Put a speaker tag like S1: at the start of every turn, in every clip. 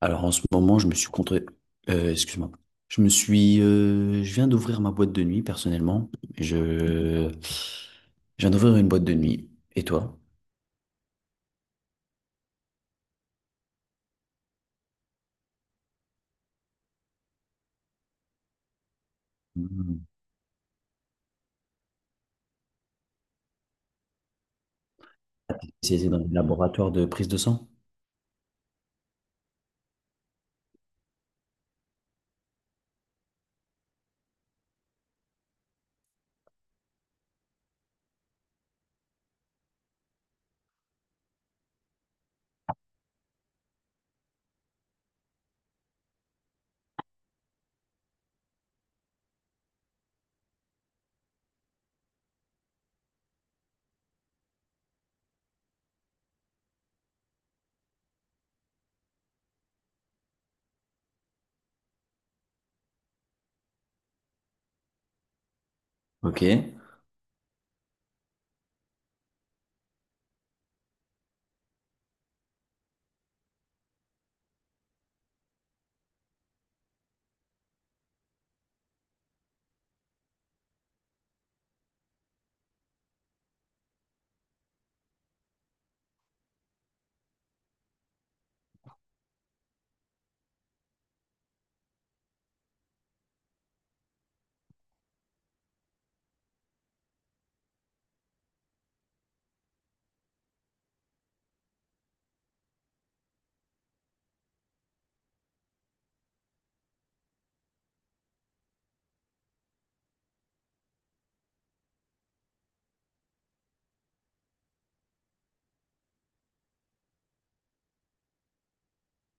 S1: Alors en ce moment, je me suis contre... excuse-moi. Je viens d'ouvrir ma boîte de nuit personnellement. Je, je viens d'ouvrir une boîte de nuit. Et toi? Mhm. C'est dans le laboratoire de prise de sang? Ok.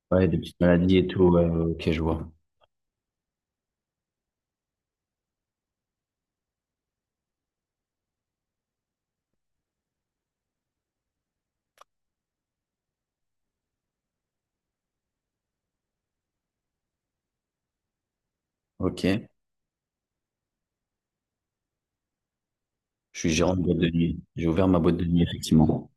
S1: Ouais, des petites maladies et tout. Ouais, ouais, ok, je vois. Ok. Je suis gérant de boîte de nuit. J'ai ouvert ma boîte de nuit effectivement.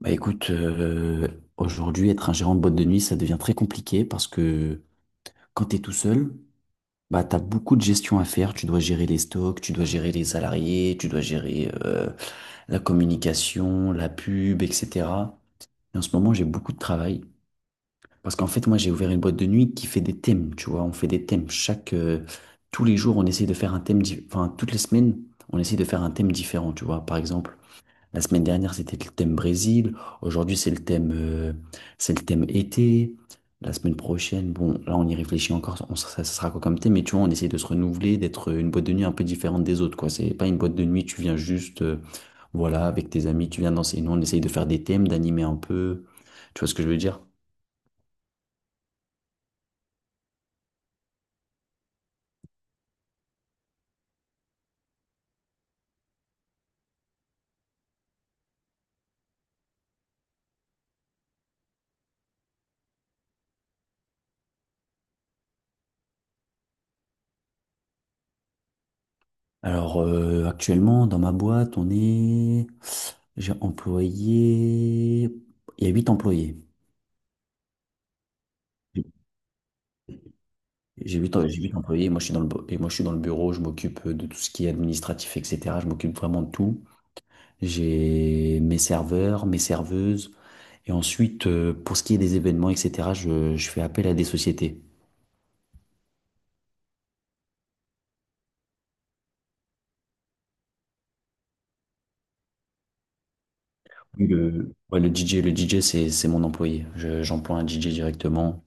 S1: Bah écoute, aujourd'hui, être un gérant de boîte de nuit, ça devient très compliqué parce que quand tu es tout seul. Bah, t'as beaucoup de gestion à faire. Tu dois gérer les stocks, tu dois gérer les salariés, tu dois gérer la communication, la pub, etc. Et en ce moment, j'ai beaucoup de travail. Parce qu'en fait, moi, j'ai ouvert une boîte de nuit qui fait des thèmes, tu vois. On fait des thèmes. Tous les jours, on essaie de faire un thème, enfin, toutes les semaines, on essaie de faire un thème différent, tu vois. Par exemple, la semaine dernière, c'était le thème Brésil. Aujourd'hui, c'est le thème été. La semaine prochaine, bon, là, on y réfléchit encore. Ça, ça sera quoi comme thème? Mais tu vois, on essaie de se renouveler, d'être une boîte de nuit un peu différente des autres, quoi. C'est pas une boîte de nuit, tu viens juste, voilà, avec tes amis, tu viens danser. Nous, on essaye de faire des thèmes, d'animer un peu. Tu vois ce que je veux dire? Alors, actuellement, dans ma boîte, on est, j'ai employé, il y a huit employés. J'ai huit employés, moi je suis dans le bureau, je m'occupe de tout ce qui est administratif, etc. Je m'occupe vraiment de tout. J'ai mes serveurs, mes serveuses. Et ensuite, pour ce qui est des événements, etc., je fais appel à des sociétés. Ouais, le DJ, le DJ, c'est mon employé. J'emploie un DJ directement.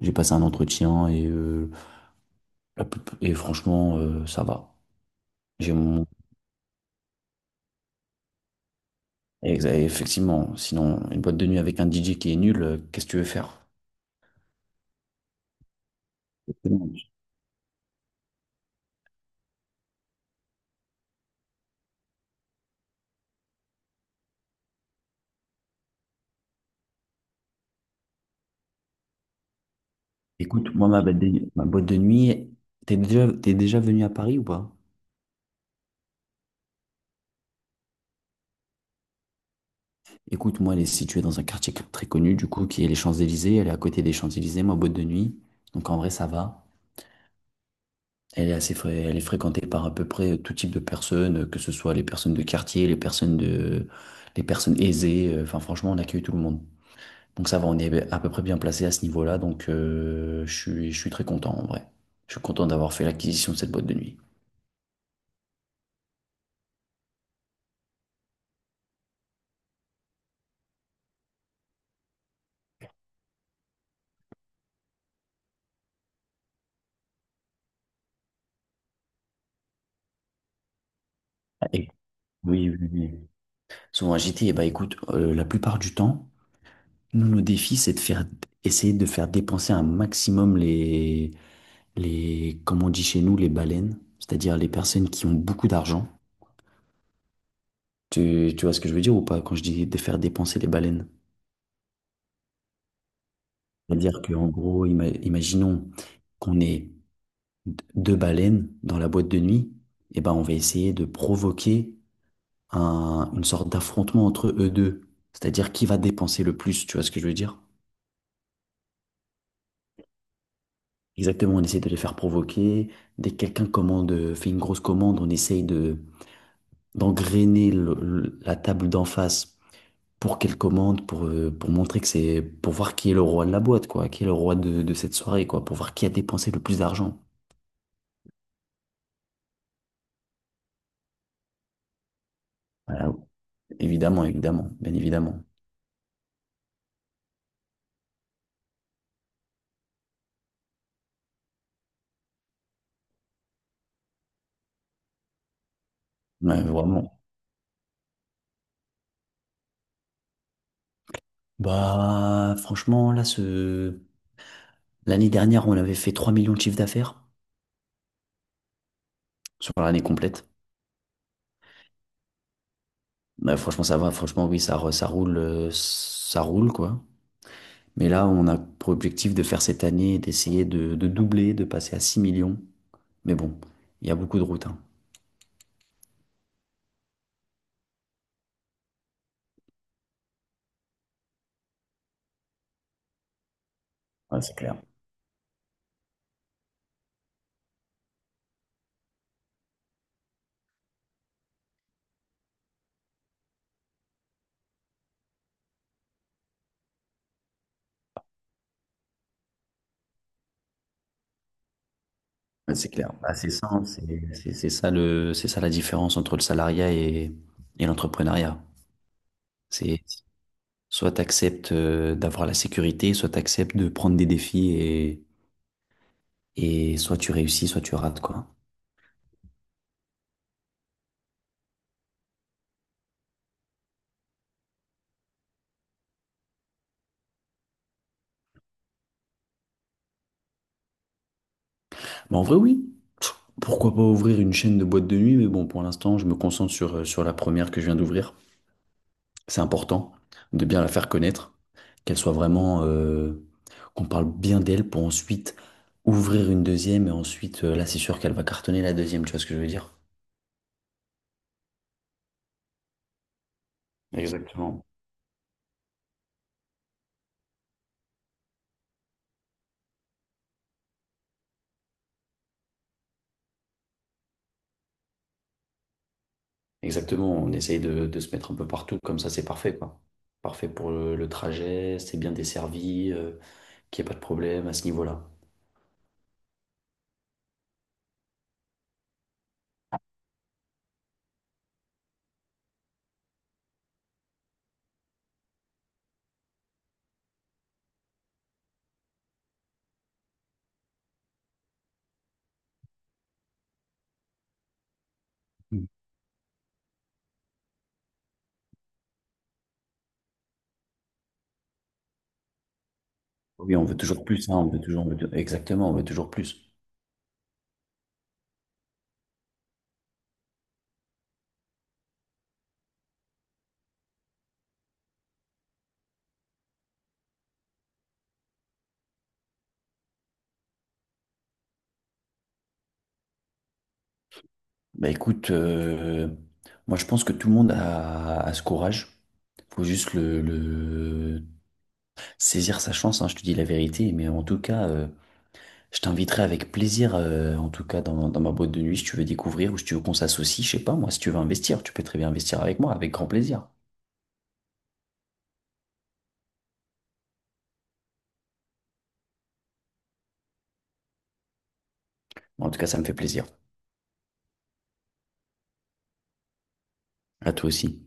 S1: J'ai passé un entretien et franchement, ça va. J'ai mon. Effectivement, sinon, une boîte de nuit avec un DJ qui est nul, qu'est-ce que tu veux faire? Écoute, moi, ma boîte de nuit, t'es déjà venu à Paris ou pas? Écoute, moi, elle est située dans un quartier très connu, du coup, qui est les Champs-Élysées. Elle est à côté des Champs-Élysées, ma boîte de nuit. Donc, en vrai, ça va. Elle est fréquentée par à peu près tout type de personnes, que ce soit les personnes de quartier, les personnes aisées. Enfin, franchement, on accueille tout le monde. Donc, ça va, on est à peu près bien placé à ce niveau-là. Donc, je suis très content, en vrai. Je suis content d'avoir fait l'acquisition de cette boîte de nuit. Ah, oui, oui, oui. Souvent agité, et ben écoute, la plupart du temps, nous, nos défis, essayer de faire dépenser un maximum les, comme on dit chez nous, les baleines, c'est-à-dire les personnes qui ont beaucoup d'argent. Tu vois ce que je veux dire ou pas quand je dis de faire dépenser les baleines? C'est-à-dire qu'en gros, imaginons qu'on ait deux baleines dans la boîte de nuit, et ben on va essayer de provoquer une sorte d'affrontement entre eux deux. C'est-à-dire qui va dépenser le plus, tu vois ce que je veux dire? Exactement, on essaie de les faire provoquer. Dès que quelqu'un commande, fait une grosse commande, on essaye de d'engrainer la table d'en face pour qu'elle commande, pour pour voir qui est le roi de la boîte, quoi, qui est le roi de cette soirée, quoi, pour voir qui a dépensé le plus d'argent. Voilà. Évidemment, évidemment, bien évidemment. Ouais, vraiment. Bah, franchement, là, l'année dernière, on avait fait 3 millions de chiffre d'affaires sur l'année complète. Bah, franchement, ça va. Franchement, oui, ça roule, quoi. Mais là, on a pour objectif de faire cette année, d'essayer de doubler, de passer à 6 millions. Mais bon, il y a beaucoup de routes, hein. Ouais, c'est clair. Ouais, c'est clair. Bah, c'est ça, hein, c'est ça la différence entre le salariat et l'entrepreneuriat. C'est soit tu acceptes d'avoir la sécurité, soit tu acceptes de prendre des défis et soit tu réussis, soit tu rates, quoi. Mais en vrai, oui. Pff, Pourquoi pas ouvrir une chaîne de boîte de nuit, mais bon, pour l'instant, je me concentre sur la première que je viens d'ouvrir. C'est important de bien la faire connaître, qu'elle soit vraiment, qu'on parle bien d'elle pour ensuite ouvrir une deuxième et ensuite, là, c'est sûr qu'elle va cartonner la deuxième, tu vois ce que je veux dire? Exactement. Exactement, on essaye de se mettre un peu partout, comme ça, c'est parfait, quoi. Parfait pour le trajet, c'est bien desservi, qu'il n'y ait pas de problème à ce niveau-là. Mm. Oui, on veut toujours plus, hein, on veut toujours, on veut- exactement, on veut toujours plus. Bah écoute, moi je pense que tout le monde a ce courage. Faut juste saisir sa chance, hein, je te dis la vérité. Mais en tout cas, je t'inviterai avec plaisir, en tout cas dans ma boîte de nuit, si tu veux découvrir ou si tu veux qu'on s'associe, je sais pas, moi, si tu veux investir, tu peux très bien investir avec moi, avec grand plaisir. En tout cas, ça me fait plaisir. À toi aussi.